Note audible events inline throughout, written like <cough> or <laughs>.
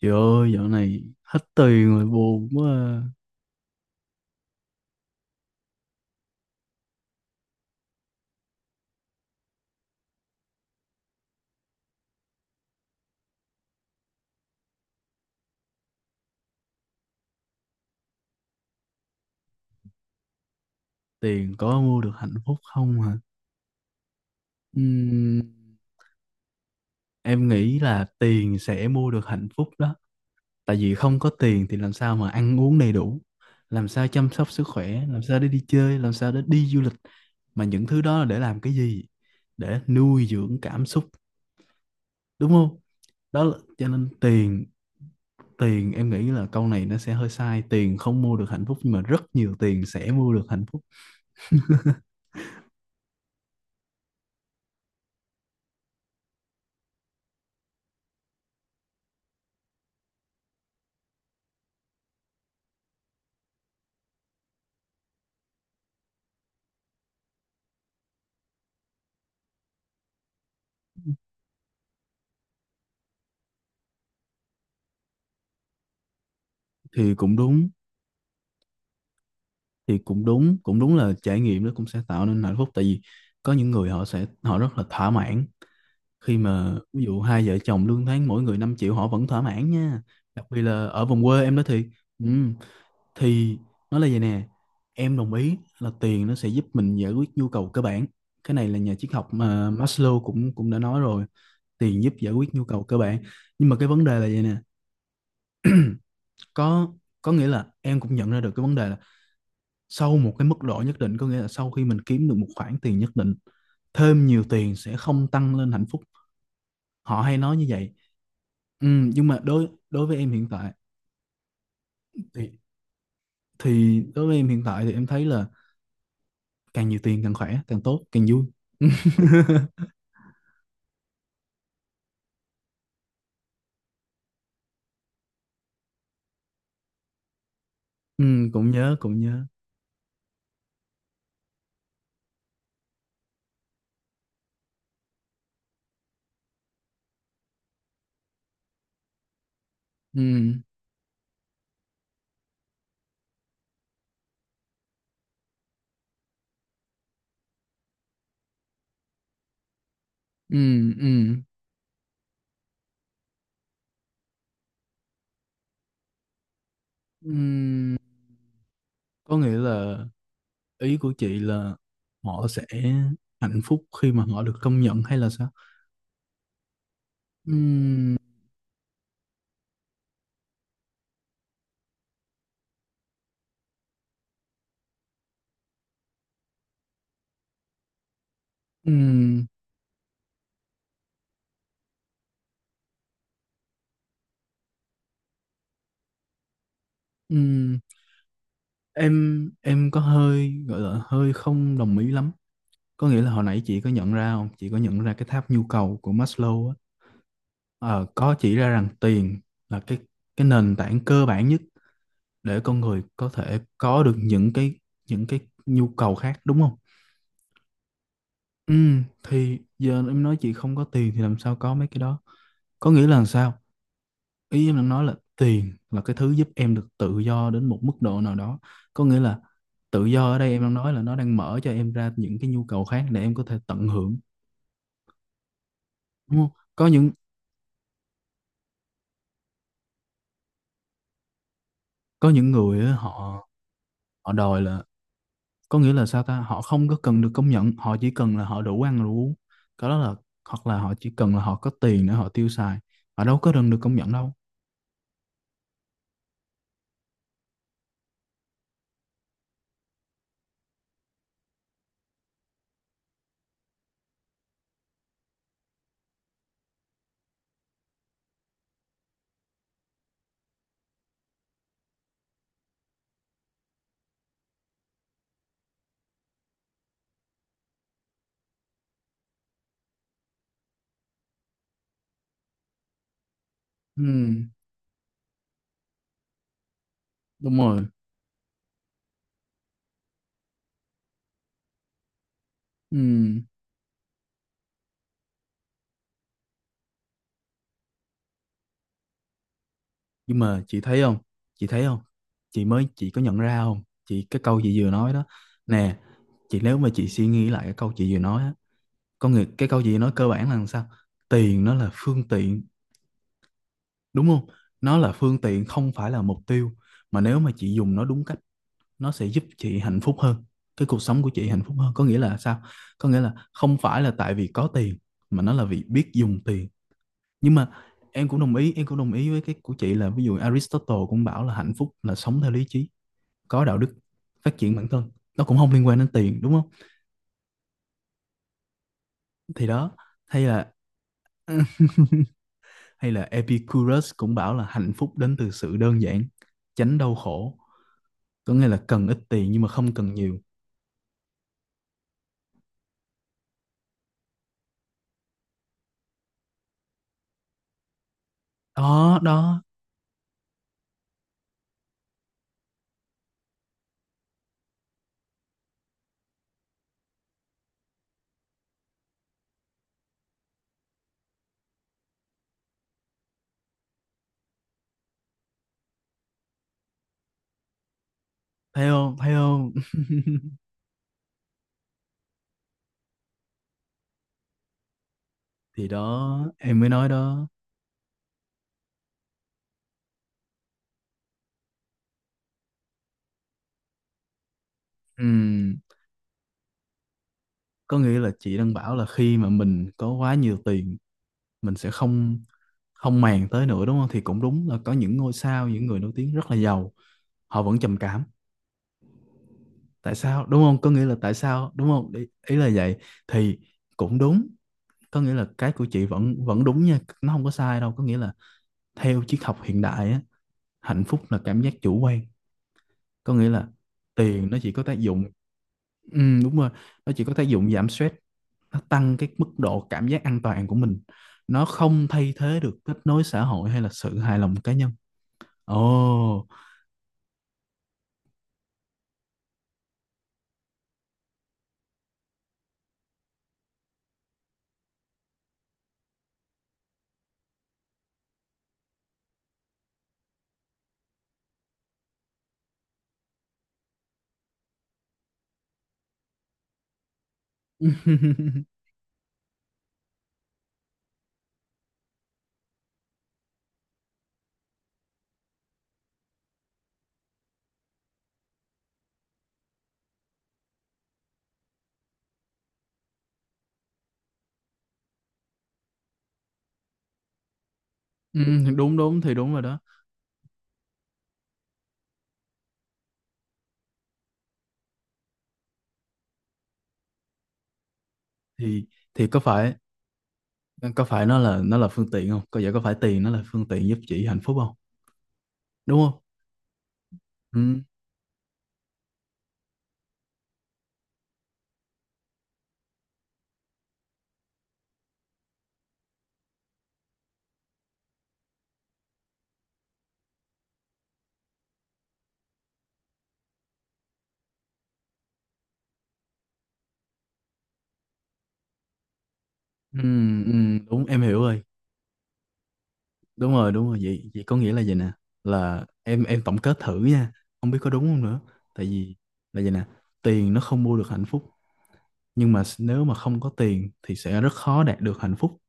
Trời ơi, dạo này hết tiền rồi buồn quá à. Tiền có mua được hạnh phúc không hả? Ừm, em nghĩ là tiền sẽ mua được hạnh phúc đó. Tại vì không có tiền thì làm sao mà ăn uống đầy đủ, làm sao chăm sóc sức khỏe, làm sao để đi chơi, làm sao để đi du lịch. Mà những thứ đó là để làm cái gì? Để nuôi dưỡng cảm xúc, đúng không? Đó là, cho nên tiền em nghĩ là câu này nó sẽ hơi sai. Tiền không mua được hạnh phúc nhưng mà rất nhiều tiền sẽ mua được hạnh phúc. Thì cũng đúng thì cũng đúng là trải nghiệm nó cũng sẽ tạo nên hạnh phúc, tại vì có những người họ rất là thỏa mãn. Khi mà ví dụ hai vợ chồng lương tháng mỗi người 5 triệu họ vẫn thỏa mãn nha, đặc biệt là ở vùng quê em đó thì ừ, thì nó là vậy nè. Em đồng ý là tiền nó sẽ giúp mình giải quyết nhu cầu cơ bản, cái này là nhà triết học mà Maslow cũng cũng đã nói rồi, tiền giúp giải quyết nhu cầu cơ bản. Nhưng mà cái vấn đề là vậy nè, có có nghĩa là em cũng nhận ra được cái vấn đề là sau một cái mức độ nhất định, có nghĩa là sau khi mình kiếm được một khoản tiền nhất định, thêm nhiều tiền sẽ không tăng lên hạnh phúc, họ hay nói như vậy. Ừ, nhưng mà đối đối với em hiện tại thì đối với em hiện tại thì em thấy là càng nhiều tiền càng khỏe càng tốt càng vui. <laughs> Ừ, cũng nhớ cũng nhớ. Ừ, ừ, ừ, ừ. Có nghĩa là ý của chị là họ sẽ hạnh phúc khi mà họ được công nhận hay là sao? Ừ, ừ. Ừm, em có hơi gọi là hơi không đồng ý lắm. Có nghĩa là hồi nãy chị có nhận ra không? Chị có nhận ra cái tháp nhu cầu của Maslow á. Ờ, có chỉ ra rằng tiền là cái nền tảng cơ bản nhất để con người có thể có được những cái nhu cầu khác đúng không? Ừ, thì giờ em nói chị không có tiền thì làm sao có mấy cái đó? Có nghĩa là làm sao? Ý em đang nói là tiền là cái thứ giúp em được tự do đến một mức độ nào đó. Có nghĩa là tự do ở đây em đang nói là nó đang mở cho em ra những cái nhu cầu khác để em có thể tận hưởng, đúng không? Có những có những người á, họ họ đòi là, có nghĩa là sao ta, họ không có cần được công nhận, họ chỉ cần là họ đủ ăn đủ uống, cái đó là, hoặc là họ chỉ cần là họ có tiền để họ tiêu xài, họ đâu có cần được công nhận đâu. Ừ, đúng rồi. Ừ. Nhưng mà chị thấy không, chị thấy không, chị có nhận ra không chị, cái câu chị vừa nói đó nè. Chị, nếu mà chị suy nghĩ lại cái câu chị vừa nói á, có nghĩa cái câu chị nói cơ bản là làm sao, tiền nó là phương tiện, đúng không? Nó là phương tiện không phải là mục tiêu, mà nếu mà chị dùng nó đúng cách nó sẽ giúp chị hạnh phúc hơn, cái cuộc sống của chị hạnh phúc hơn. Có nghĩa là sao? Có nghĩa là không phải là tại vì có tiền mà nó là vì biết dùng tiền. Nhưng mà em cũng đồng ý với cái của chị là ví dụ Aristotle cũng bảo là hạnh phúc là sống theo lý trí, có đạo đức, phát triển bản thân, nó cũng không liên quan đến tiền đúng không? Thì đó, hay là <laughs> hay là Epicurus cũng bảo là hạnh phúc đến từ sự đơn giản, tránh đau khổ, có nghĩa là cần ít tiền nhưng mà không cần nhiều. Đó đó, thấy không thấy không. <laughs> Thì đó em mới nói đó. Ừm, có nghĩa là chị đang bảo là khi mà mình có quá nhiều tiền mình sẽ không không màng tới nữa đúng không? Thì cũng đúng, là có những ngôi sao, những người nổi tiếng rất là giàu họ vẫn trầm cảm. Tại sao đúng không, có nghĩa là tại sao đúng không, ý là vậy. Thì cũng đúng, có nghĩa là cái của chị vẫn vẫn đúng nha, nó không có sai đâu. Có nghĩa là theo triết học hiện đại á, hạnh phúc là cảm giác chủ quan. Có nghĩa là tiền nó chỉ có tác dụng, ừ, đúng rồi, nó chỉ có tác dụng giảm stress, nó tăng cái mức độ cảm giác an toàn của mình, nó không thay thế được kết nối xã hội hay là sự hài lòng cá nhân. Ồ. <laughs> Ừ, đúng đúng thì đúng rồi đó. Thì thì có phải nó là phương tiện không? Có vậy có phải tiền nó là phương tiện giúp chị hạnh phúc không? Đúng không? Ừ. Ừ, ừ, đúng em hiểu rồi. Đúng rồi, đúng rồi. Vậy vậy có nghĩa là vậy nè, là em tổng kết thử nha, không biết có đúng không nữa. Tại vì là vậy nè, tiền nó không mua được hạnh phúc, nhưng mà nếu mà không có tiền thì sẽ rất khó đạt được hạnh phúc.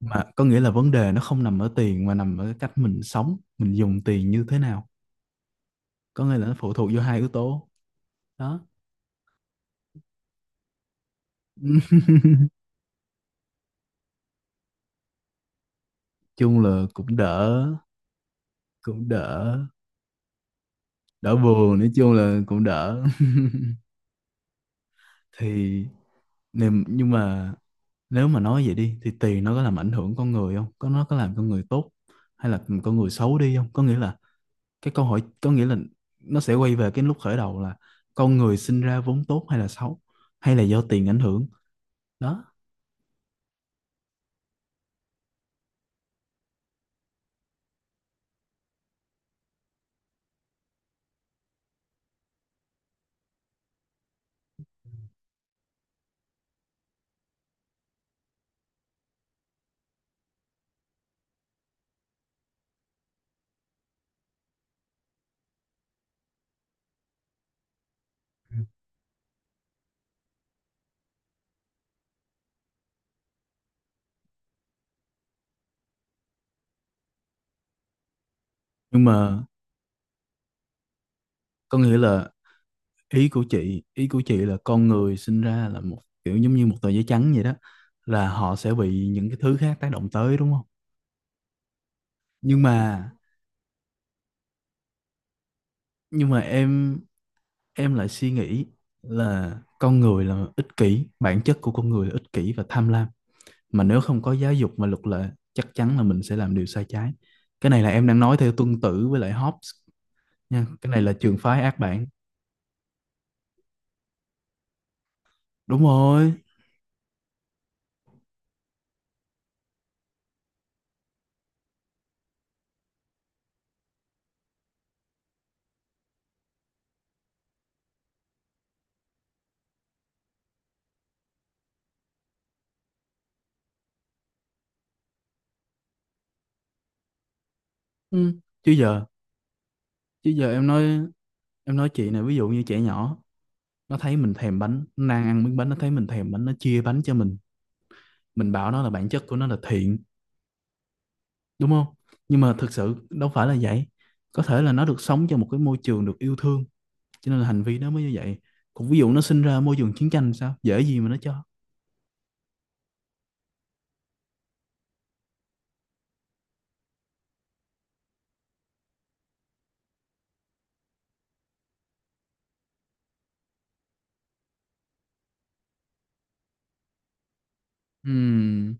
Mà có nghĩa là vấn đề nó không nằm ở tiền mà nằm ở cái cách mình sống, mình dùng tiền như thế nào, có nghĩa là nó phụ thuộc vô hai yếu tố đó. <laughs> Chung là cũng đỡ, cũng đỡ, đỡ buồn, nói chung là cũng đỡ. <laughs> Thì niềm, nhưng mà nếu mà nói vậy đi thì tiền nó có làm ảnh hưởng con người không, có nó có làm con người tốt hay là con người xấu đi không, có nghĩa là cái câu hỏi có nghĩa là nó sẽ quay về cái lúc khởi đầu là con người sinh ra vốn tốt hay là xấu, hay là do tiền ảnh hưởng. Đó, nhưng mà có nghĩa là ý của chị là con người sinh ra là một kiểu giống như một tờ giấy trắng vậy đó, là họ sẽ bị những cái thứ khác tác động tới đúng không? Nhưng mà nhưng mà em lại suy nghĩ là con người là ích kỷ, bản chất của con người là ích kỷ và tham lam, mà nếu không có giáo dục và luật lệ chắc chắn là mình sẽ làm điều sai trái. Cái này là em đang nói theo Tuân Tử với lại Hobbes nha, cái này là trường phái ác bản. Đúng rồi. Ừ. Chứ giờ em nói chị này, ví dụ như trẻ nhỏ, nó thấy mình thèm bánh, nó đang ăn miếng bánh, nó thấy mình thèm bánh, nó chia bánh cho mình bảo nó là bản chất của nó là thiện đúng không? Nhưng mà thực sự đâu phải là vậy, có thể là nó được sống trong một cái môi trường được yêu thương cho nên là hành vi nó mới như vậy, còn ví dụ nó sinh ra môi trường chiến tranh sao dễ gì mà nó cho. Ừm,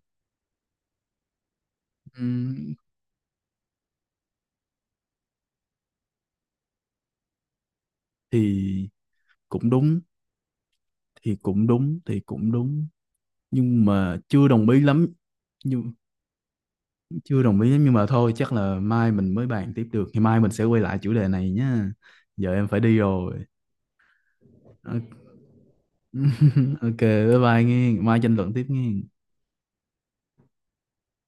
ừm, thì cũng đúng thì cũng đúng thì cũng đúng nhưng mà chưa đồng ý lắm nhưng chưa đồng ý lắm, nhưng mà thôi chắc là mai mình mới bàn tiếp được thì mai mình sẽ quay lại chủ đề này nhá, giờ em phải đi rồi. Ok, <laughs> ok, bye bye nghe. Mai tranh luận tiếp nghe.